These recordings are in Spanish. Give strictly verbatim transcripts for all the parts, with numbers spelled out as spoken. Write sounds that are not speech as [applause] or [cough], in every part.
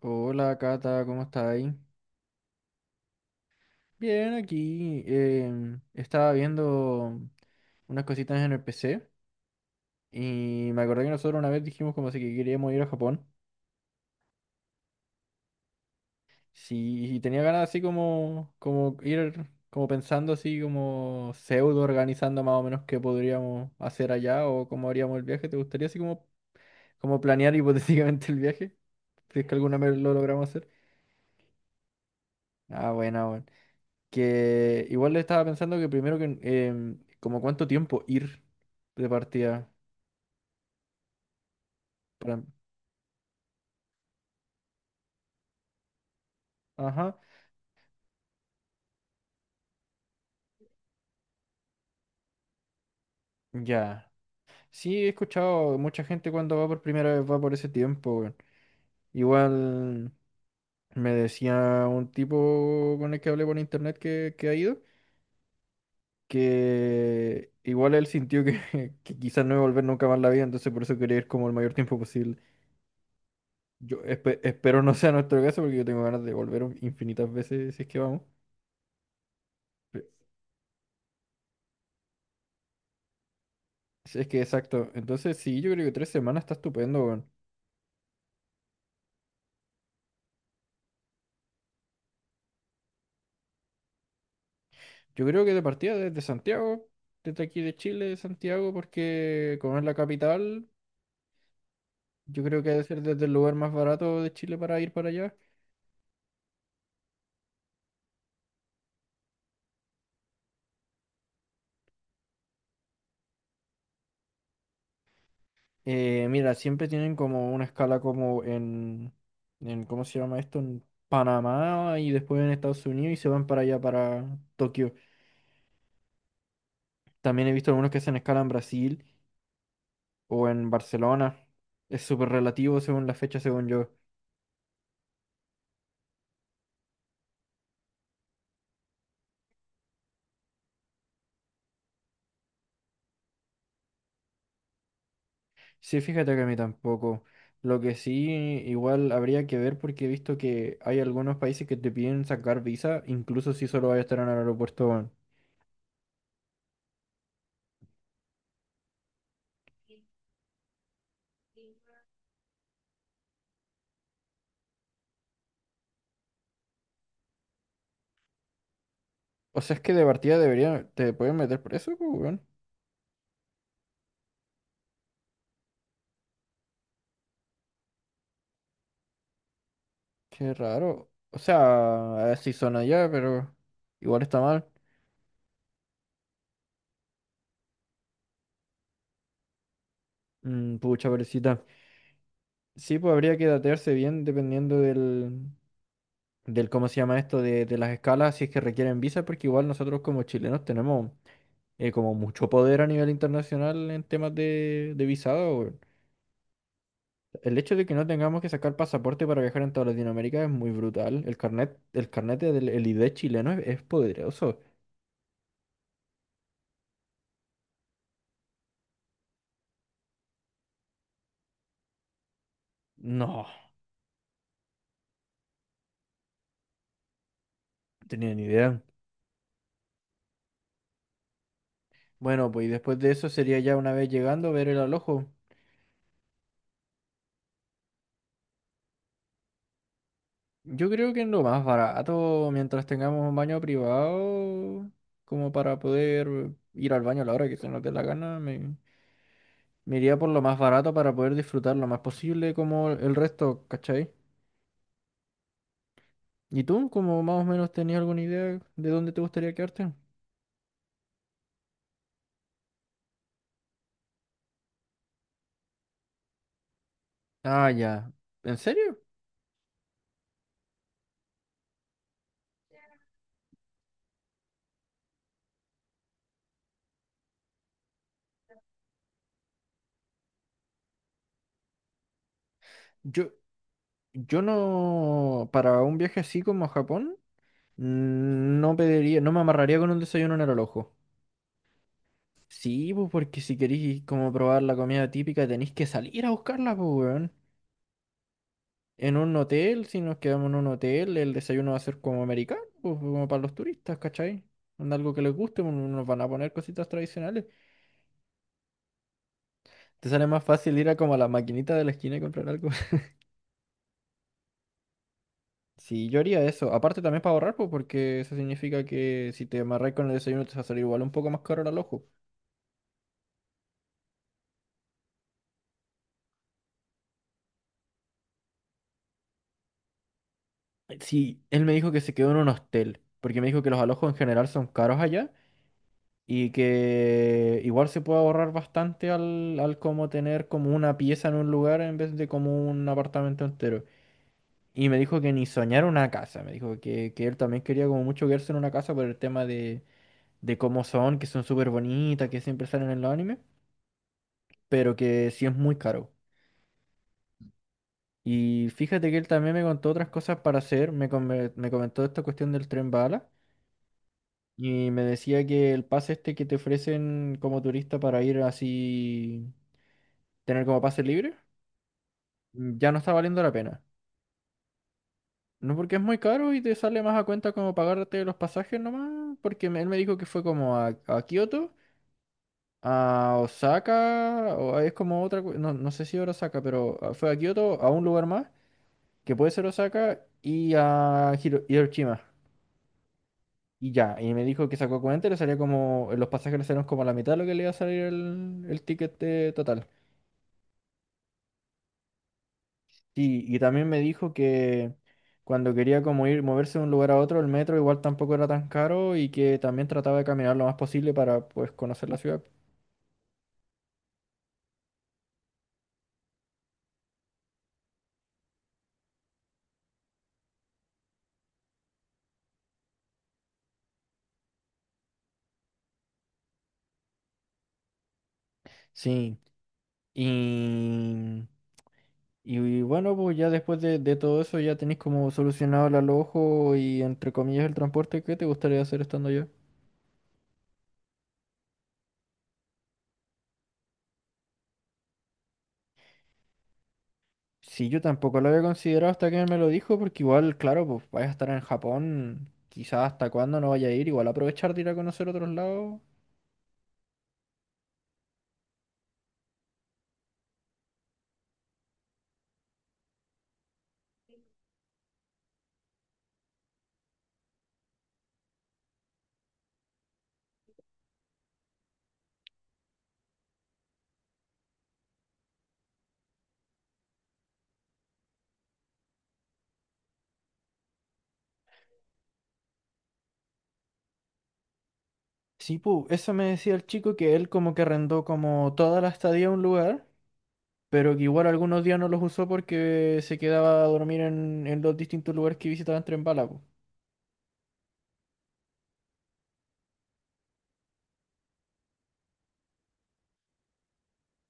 Hola Cata, ¿cómo está ahí? Bien, aquí em, estaba viendo unas cositas en el P C y me acordé que nosotros una vez dijimos como si que queríamos ir a Japón. Sí, y tenía ganas así como, como ir, como pensando así como pseudo organizando más o menos qué podríamos hacer allá o cómo haríamos el viaje. ¿Te gustaría así como, como planear [laughs] hipotéticamente el viaje? Si es que alguna vez lo logramos hacer. Ah, buena, bueno. Que igual le estaba pensando que primero que em, como cuánto tiempo ir de partida para... Ajá, ya. Sí, he escuchado mucha gente cuando va por primera vez va por ese tiempo, weón. Igual me decía un tipo con el que hablé por internet que, que ha ido, que igual él sintió que, [laughs] que quizás no iba a volver nunca más en la vida, entonces por eso quería ir como el mayor tiempo posible. Yo espe- espero no sea nuestro caso porque yo tengo ganas de volver infinitas veces si es que vamos. Sí, es que exacto. Entonces, sí, yo creo que tres semanas está estupendo, weón. Yo creo que de partida desde Santiago, desde aquí de Chile, de Santiago, porque como es la capital, yo creo que debe ser desde el lugar más barato de Chile para ir para allá. Eh, mira, siempre tienen como una escala como en, en, ¿cómo se llama esto? En Panamá y después en Estados Unidos y se van para allá, para Tokio. También he visto algunos que hacen escala en Brasil o en Barcelona. Es súper relativo según la fecha, según yo. Sí, fíjate que a mí tampoco. Lo que sí, igual habría que ver porque he visto que hay algunos países que te piden sacar visa, incluso si solo vas a estar en el aeropuerto, weón. O sea, es que de partida deberían te pueden meter preso, pues, weón. Qué raro. O sea, si son allá, pero igual está mal. Mm, pucha, pobrecita. Sí, pues habría que datearse bien dependiendo del, del cómo se llama esto, de, de las escalas, si es que requieren visa, porque igual nosotros como chilenos tenemos. Eh, como mucho poder a nivel internacional en temas de, de visado, weón. El hecho de que no tengamos que sacar pasaporte para viajar en toda Latinoamérica es muy brutal. El carnet, el carnet del el I D chileno es, es poderoso. No, no tenía ni idea. Bueno, pues y después de eso sería ya una vez llegando ver el alojo. Yo creo que es lo más barato mientras tengamos un baño privado, como para poder ir al baño a la hora que se nos dé la gana, me, me iría por lo más barato para poder disfrutar lo más posible como el resto, ¿cachai? ¿Y tú, como más o menos tenías alguna idea de dónde te gustaría quedarte? Ah, ya. ¿En serio? Yo, yo no, para un viaje así como a Japón, mm, no pediría, no me amarraría con un desayuno en el ojo. Sí, pues porque si queréis como probar la comida típica tenéis que salir a buscarla, pues, weón. En un hotel, si nos quedamos en un hotel, el desayuno va a ser como americano, pues, como para los turistas, ¿cachai? Onda, algo que les guste, pues, nos van a poner cositas tradicionales. Te sale más fácil ir a como a la maquinita de la esquina y comprar algo. Sí, yo haría eso. Aparte también para ahorrar, pues, porque eso significa que si te amarras con el desayuno te va a salir igual un poco más caro el alojo. Sí, él me dijo que se quedó en un hostel, porque me dijo que los alojos en general son caros allá y que igual se puede ahorrar bastante al, al como tener como una pieza en un lugar en vez de como un apartamento entero. Y me dijo que ni soñar una casa, me dijo que, que él también quería como mucho quedarse en una casa por el tema de, de cómo son, que son súper bonitas, que siempre salen en los animes, pero que sí es muy caro. Y fíjate que él también me contó otras cosas para hacer, me, come- me comentó esta cuestión del tren bala y me decía que el pase este que te ofrecen como turista para ir así, tener como pase libre, mm, ya no está valiendo la pena. No porque es muy caro y te sale más a cuenta como pagarte los pasajes nomás, porque me- él me dijo que fue como a, a Kioto, a Osaka, o es como otra, cu- no, no sé si era Osaka, pero ah, fue a Kioto, a un lugar más, que puede ser Osaka, y a Hiro- Hiroshima. Y ya, y me dijo que sacó cuenta y le salía como, los pasajes le salieron como a la mitad de lo que le iba a salir el, el ticket eh, total. Sí, y también me dijo que cuando quería como ir, moverse de un lugar a otro, el metro igual tampoco era tan caro y que también trataba de caminar lo más posible para pues conocer la ciudad. Sí, y, y bueno, pues ya después de, de todo eso ya tenéis como solucionado el alojo y entre comillas el transporte. ¿Qué te gustaría hacer estando allá? Sí, yo tampoco lo había considerado hasta que me lo dijo, porque igual, claro, pues vaya a estar en Japón, quizás hasta cuándo no vaya a ir, igual aprovechar de ir a conocer otros lados. Sí, pues eso me decía el chico que él como que arrendó como toda la estadía a un lugar, pero que igual algunos días no los usó porque se quedaba a dormir en, en los distintos lugares que visitaba en tren bala, pues.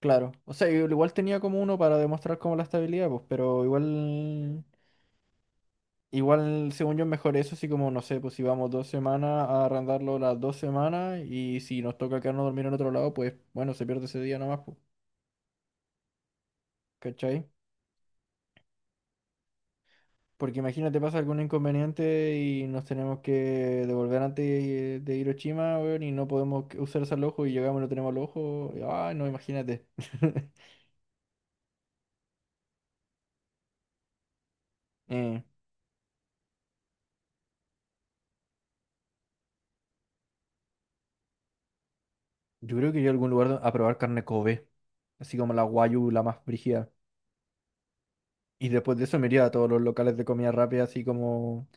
Claro, o sea, igual tenía como uno para demostrar como la estabilidad, pues, pero igual. Igual, según yo, es mejor eso, así como, no sé, pues si vamos dos semanas a arrendarlo las dos semanas y si nos toca quedarnos a dormir en otro lado, pues bueno, se pierde ese día nomás, pues, ¿cachai? Porque imagínate, pasa algún inconveniente y nos tenemos que devolver antes eh, de Hiroshima, weón, y no podemos que- usar ese ojo y llegamos y no tenemos el ojo. Y, ay, no, imagínate. [laughs] Eh, yo creo que iría a algún lugar do- a probar carne Kobe, así como la guayu, la más brígida. Y después de eso me iría a todos los locales de comida rápida, así como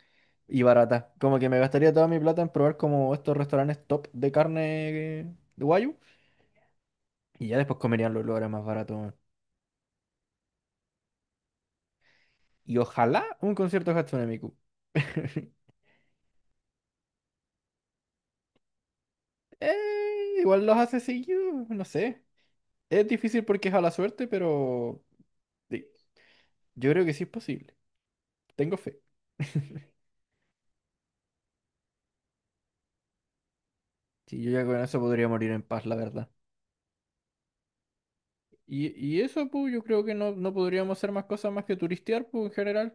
y barata. Como que me gastaría toda mi plata en probar como estos restaurantes top de carne eh, de guayu. Y ya después comerían los lugares más baratos, weón. Y ojalá un concierto de Hatsune Miku. [laughs] Eh, igual los hace seguido, no sé. Es difícil porque es a la suerte, pero sí, yo creo que sí es posible. Tengo fe. [laughs] Sí, yo ya con eso podría morir en paz, la verdad. Y, y eso, pues, yo creo que no, no podríamos hacer más cosas más que turistear, pues, en general.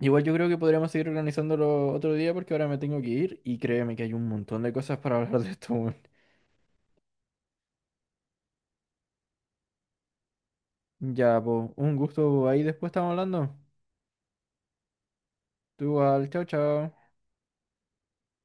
Igual yo creo que podríamos seguir organizándolo otro día porque ahora me tengo que ir y créeme que hay un montón de cosas para [laughs] hablar de esto, weón. Ya, pues, un gusto. Ahí después estamos hablando. Tú igual, chao, chao.